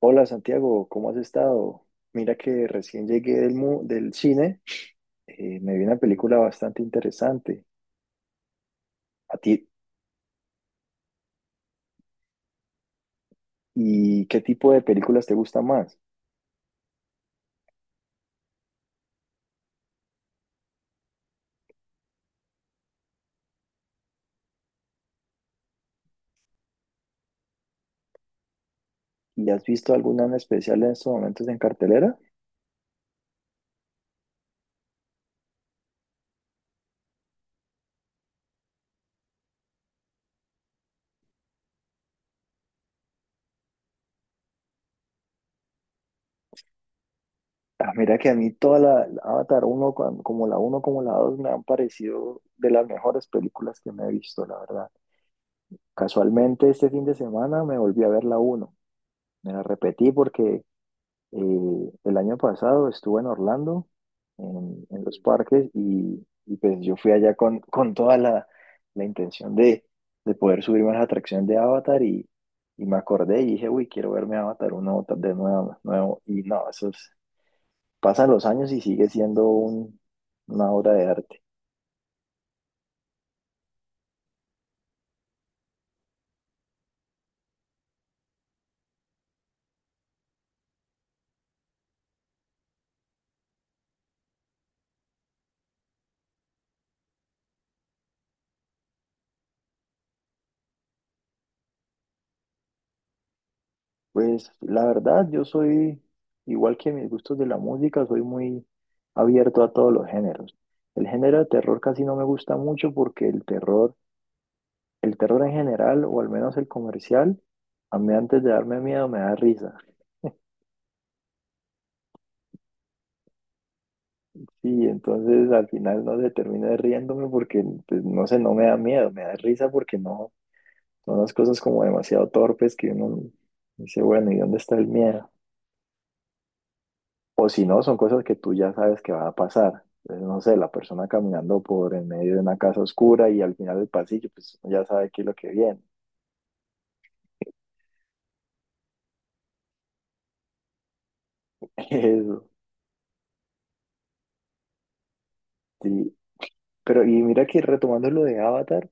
Hola Santiago, ¿cómo has estado? Mira que recién llegué del cine, me vi una película bastante interesante. ¿A ti? ¿Y qué tipo de películas te gustan más? ¿Y has visto alguna en especial en estos momentos en cartelera? Ah, mira que a mí la Avatar uno como la uno como la 2 me han parecido de las mejores películas que me he visto, la verdad. Casualmente este fin de semana me volví a ver la uno. Me la repetí porque el año pasado estuve en Orlando, en los parques, y pues yo fui allá con toda la intención de poder subirme a la atracción de Avatar y me acordé y dije, uy, quiero verme Avatar uno de nuevo. Y no, pasan los años y sigue siendo una obra de arte. Pues la verdad, igual que mis gustos de la música, soy muy abierto a todos los géneros. El género de terror casi no me gusta mucho porque el terror en general, o al menos el comercial, a mí antes de darme miedo me da risa. Y entonces al final no se termina riéndome porque, pues, no sé, no me da miedo, me da risa porque no, son las cosas como demasiado torpes que uno dice, bueno, ¿y dónde está el miedo? O si no, son cosas que tú ya sabes que van a pasar. Entonces, no sé, la persona caminando por en medio de una casa oscura y al final del pasillo, pues uno ya sabe qué es lo que viene. Eso, sí. Pero y mira que retomando lo de Avatar,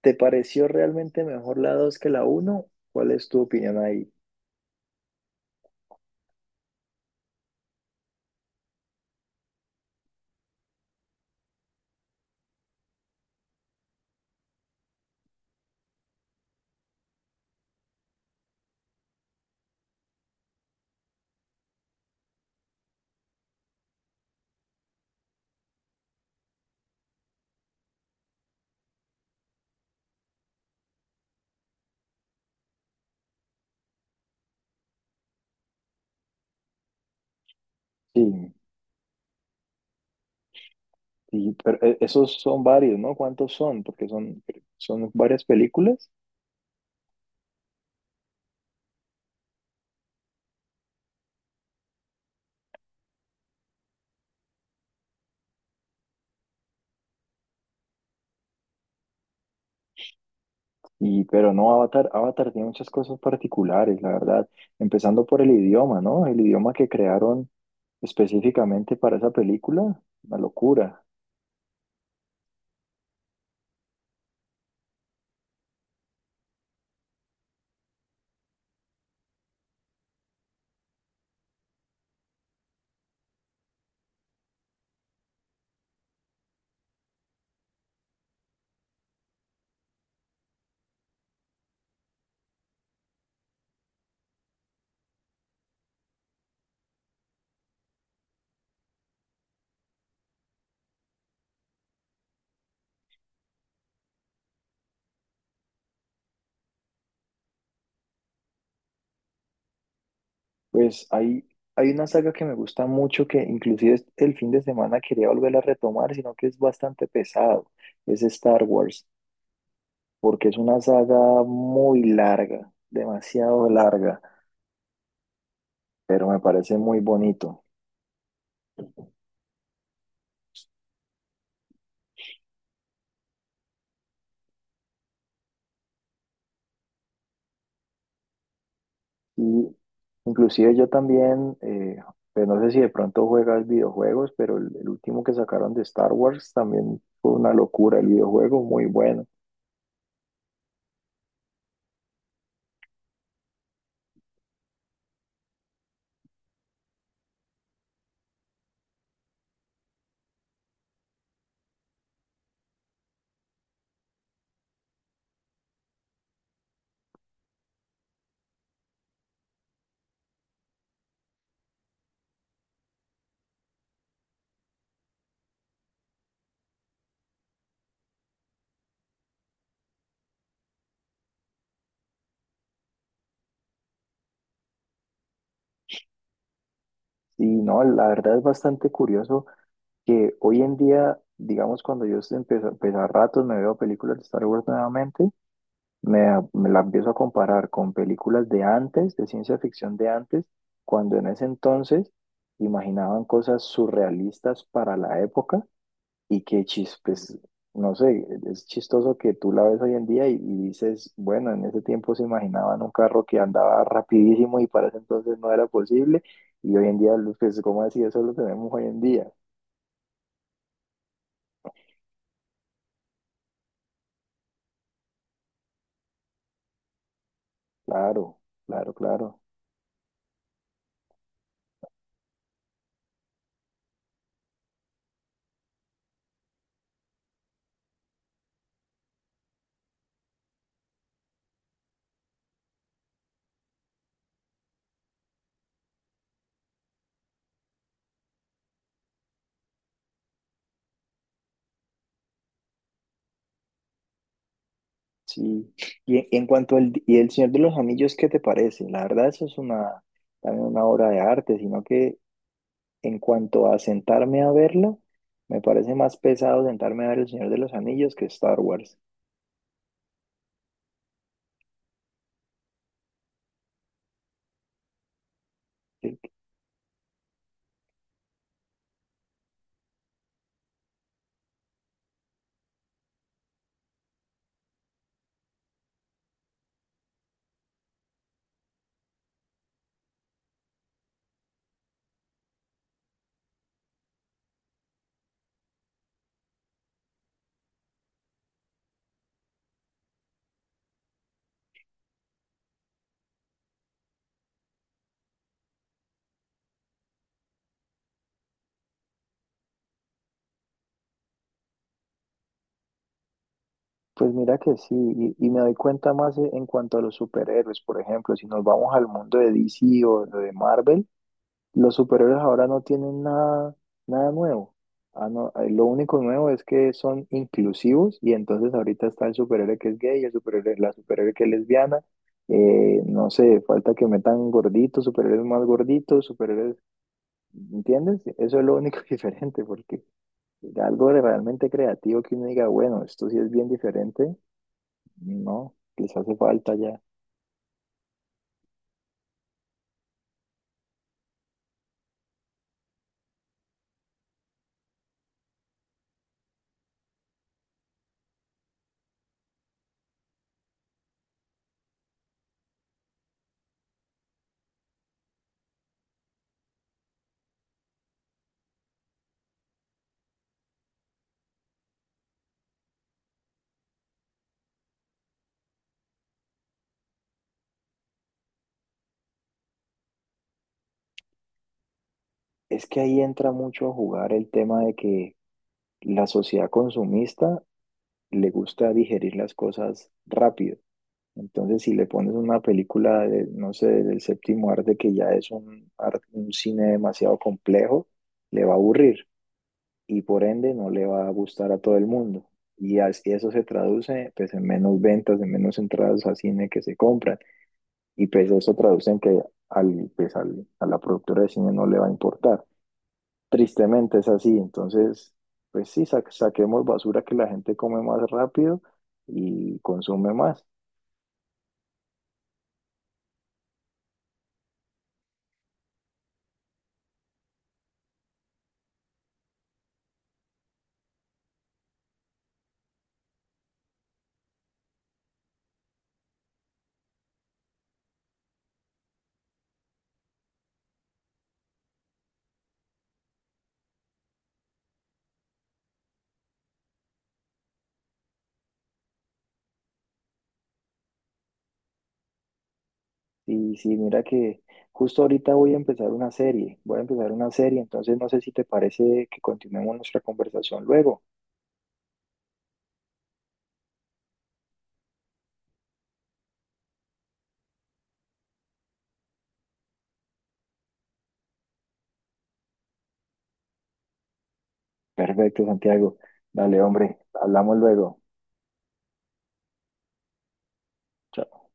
¿te pareció realmente mejor la 2 que la uno? ¿Cuál es tu opinión ahí? Sí, sí, pero esos son varios, ¿no? ¿Cuántos son? Son varias películas. Y, pero no, Avatar tiene muchas cosas particulares, la verdad. Empezando por el idioma, ¿no? El idioma que crearon específicamente para esa película, una locura. Pues hay, hay una saga que me gusta mucho que inclusive el fin de semana quería volver a retomar, sino que es bastante pesado. Es Star Wars, porque es una saga muy larga, demasiado larga, pero me parece muy bonito. Y inclusive yo también, pues no sé si de pronto juegas videojuegos, pero el último que sacaron de Star Wars también fue una locura, el videojuego muy bueno. Y no, la verdad es bastante curioso que hoy en día, digamos, cuando yo empecé, pues a ratos me veo películas de Star Wars nuevamente. Me la empiezo a comparar con películas de antes, de ciencia ficción de antes, cuando en ese entonces imaginaban cosas surrealistas para la época y que chis, pues, no sé, es chistoso que tú la ves hoy en día y dices, bueno, en ese tiempo se imaginaban un carro que andaba rapidísimo y para ese entonces no era posible y hoy en día, pues, ¿cómo así? Eso lo tenemos hoy en día. Claro, claro, claro. Sí, y en cuanto al y El Señor de los Anillos, ¿qué te parece? La verdad, también una obra de arte, sino que en cuanto a sentarme a verlo, me parece más pesado sentarme a ver El Señor de los Anillos que Star Wars. Y- Pues mira que sí, y me doy cuenta más en cuanto a los superhéroes, por ejemplo, si nos vamos al mundo de DC o lo de Marvel. Los superhéroes ahora no tienen nada nuevo. Ah, no, lo único nuevo es que son inclusivos y entonces ahorita está el superhéroe que es gay, el superhéroe, la superhéroe que es lesbiana. No sé, falta que metan gorditos, superhéroes más gorditos, superhéroes, ¿entiendes? Eso es lo único diferente, porque algo de realmente creativo que uno diga, bueno, esto sí es bien diferente, no, les hace falta ya. Es que ahí entra mucho a jugar el tema de que la sociedad consumista le gusta digerir las cosas rápido. Entonces, si le pones una película de, no sé, del séptimo arte, que ya es un cine demasiado complejo, le va a aburrir y por ende no le va a gustar a todo el mundo. Y así eso se traduce pues en menos ventas, en menos entradas a cine que se compran. Y pues eso traduce en que a la productora de cine no le va a importar. Tristemente es así, entonces, pues sí, saquemos basura que la gente come más rápido y consume más. Y sí, mira que justo ahorita voy a empezar voy a empezar una serie, entonces no sé si te parece que continuemos nuestra conversación luego. Perfecto, Santiago. Dale, hombre, hablamos luego. Chao.